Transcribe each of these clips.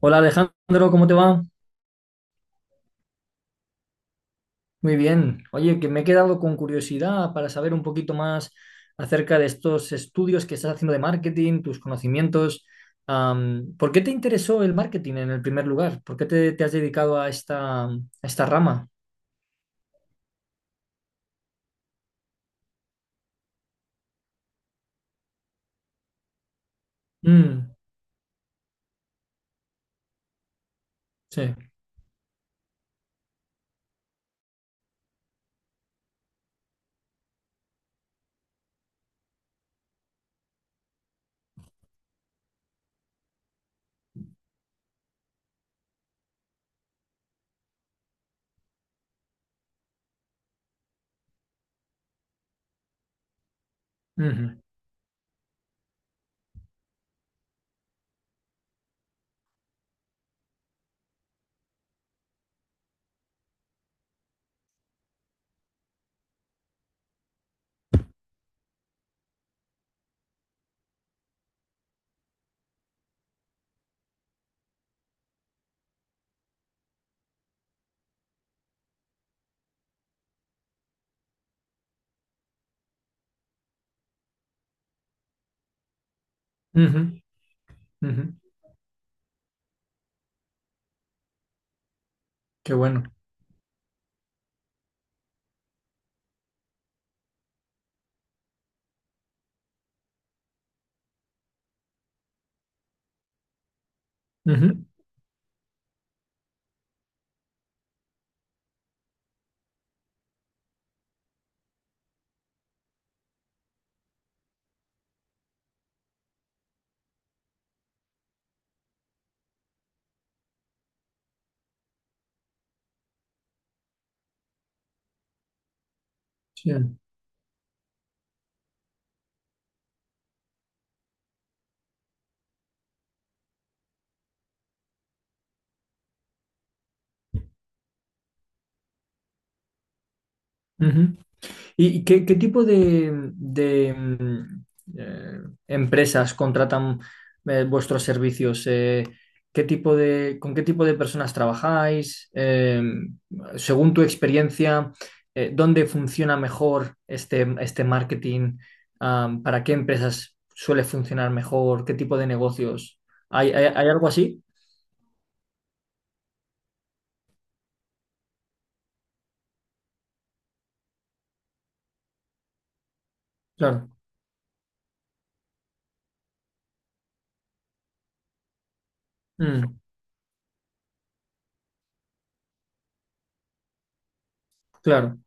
Hola Alejandro, ¿cómo te va? Muy bien. Oye, que me he quedado con curiosidad para saber un poquito más acerca de estos estudios que estás haciendo de marketing, tus conocimientos. ¿Por qué te interesó el marketing en el primer lugar? ¿Por qué te has dedicado a esta rama? Mm, sí. Ujú, ujú, ujú. Qué bueno. Ujú, sí. Ujú. ¿Y qué tipo de, eh, empresas contratan vuestros servicios? Con qué tipo de personas trabajáis? Según tu experiencia, ¿dónde funciona mejor este marketing? Ah, ¿para qué empresas suele funcionar mejor? ¿Qué tipo de negocios? Hay algo así? Claro. Mm, claro.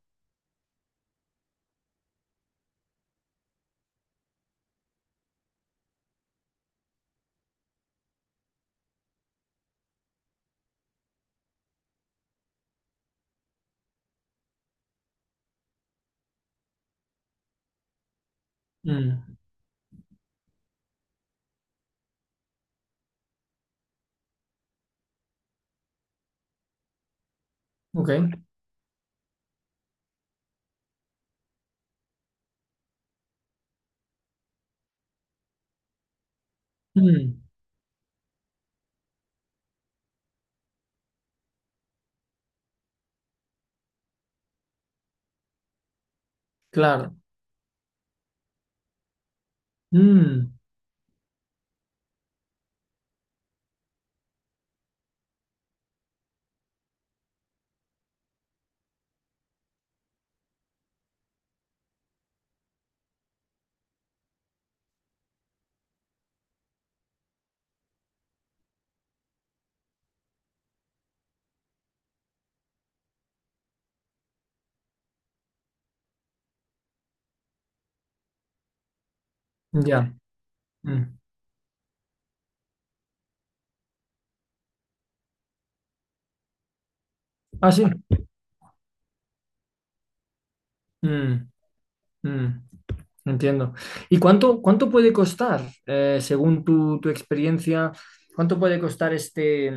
Mm, ok. Mm, claro. Mm, ya. Mm. Ah, sí. Mm, mm, entiendo. ¿Y cuánto puede costar, según tu experiencia, cuánto puede costar este,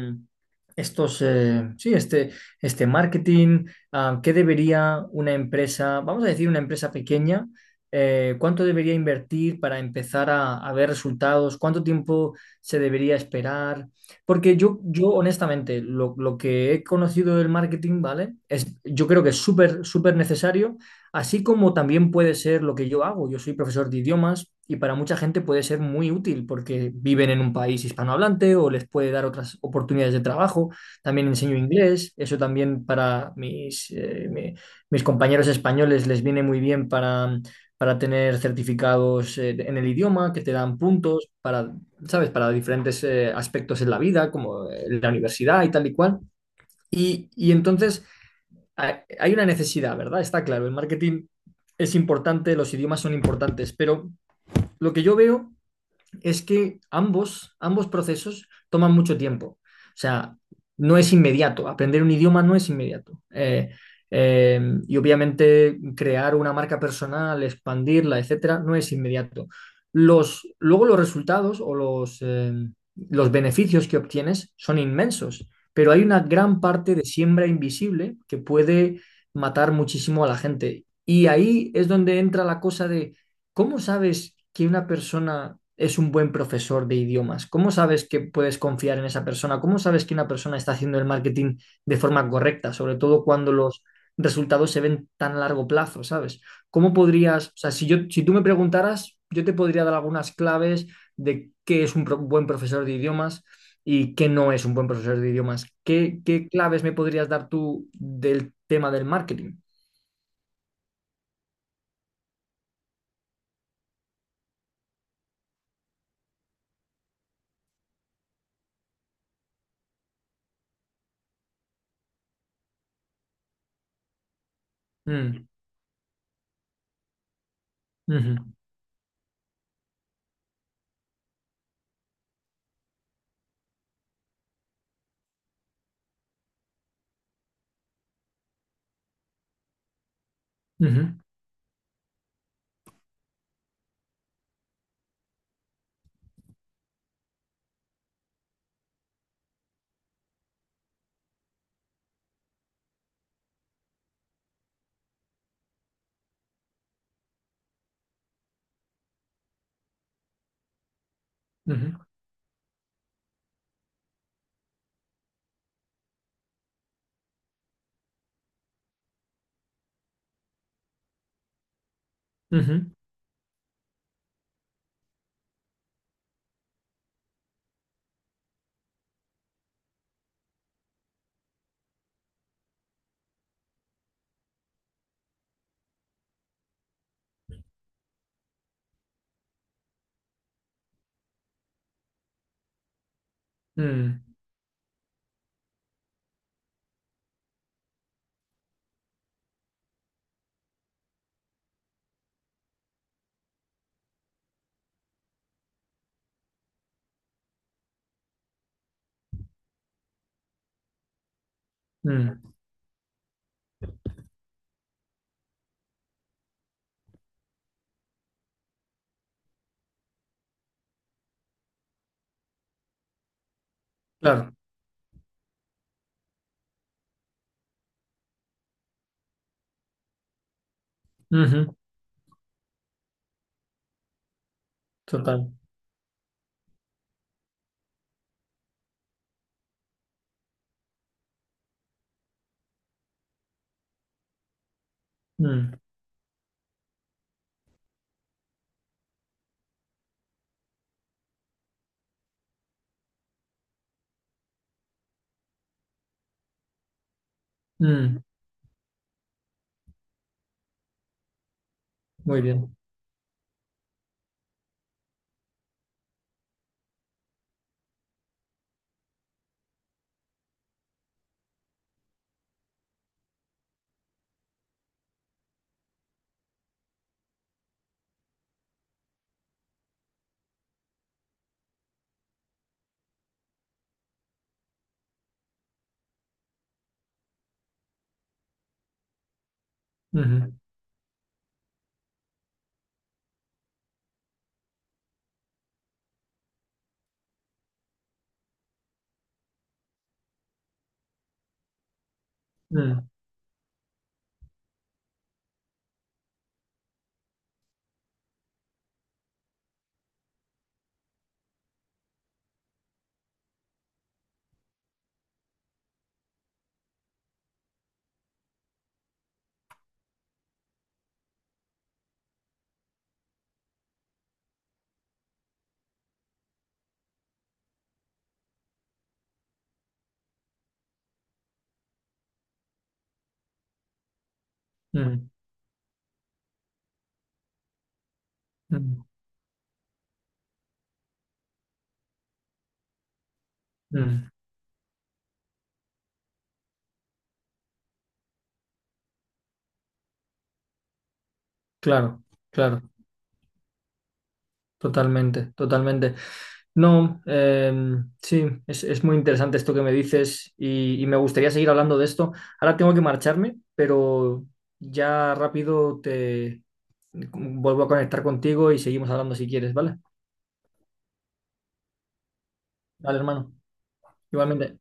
estos, eh, sí, este marketing? Ah, ¿qué debería una empresa, vamos a decir una empresa pequeña, cuánto debería invertir para empezar a ver resultados? ¿Cuánto tiempo se debería esperar? Porque yo honestamente, lo que he conocido del marketing, ¿vale? Yo creo que es súper, súper necesario. Así como también puede ser lo que yo hago. Yo soy profesor de idiomas y para mucha gente puede ser muy útil porque viven en un país hispanohablante o les puede dar otras oportunidades de trabajo. También enseño inglés. Eso también para mis compañeros españoles les viene muy bien para tener certificados en el idioma que te dan puntos para, ¿sabes? Para diferentes aspectos en la vida, como la universidad y tal y cual. Y entonces hay una necesidad, ¿verdad? Está claro, el marketing es importante, los idiomas son importantes, pero lo que yo veo es que ambos procesos toman mucho tiempo. O sea, no es inmediato. Aprender un idioma no es inmediato. Eh, y obviamente crear una marca personal, expandirla, etcétera, no es inmediato. Luego los resultados o los beneficios que obtienes son inmensos, pero hay una gran parte de siembra invisible que puede matar muchísimo a la gente. Y ahí es donde entra la cosa de ¿cómo sabes que una persona es un buen profesor de idiomas? ¿Cómo sabes que puedes confiar en esa persona? ¿Cómo sabes que una persona está haciendo el marketing de forma correcta, sobre todo cuando los resultados se ven tan a largo plazo, ¿sabes? O sea, si tú me preguntaras, yo te podría dar algunas claves de qué es un buen profesor de idiomas y qué no es un buen profesor de idiomas. ¿Qué claves me podrías dar tú del tema del marketing? Mm, ujú, ujú, ujú, ujú, ujú, mm. Mm, claro. Ujú, total. Mm, mm, muy bien. Ujú, mm, mm, mm, mm. Claro, claro. Totalmente, totalmente. No, sí, es muy interesante esto que me dices y me gustaría seguir hablando de esto. Ahora tengo que marcharme, pero ya rápido te vuelvo a conectar contigo y seguimos hablando si quieres, ¿vale? Vale, hermano. Igualmente.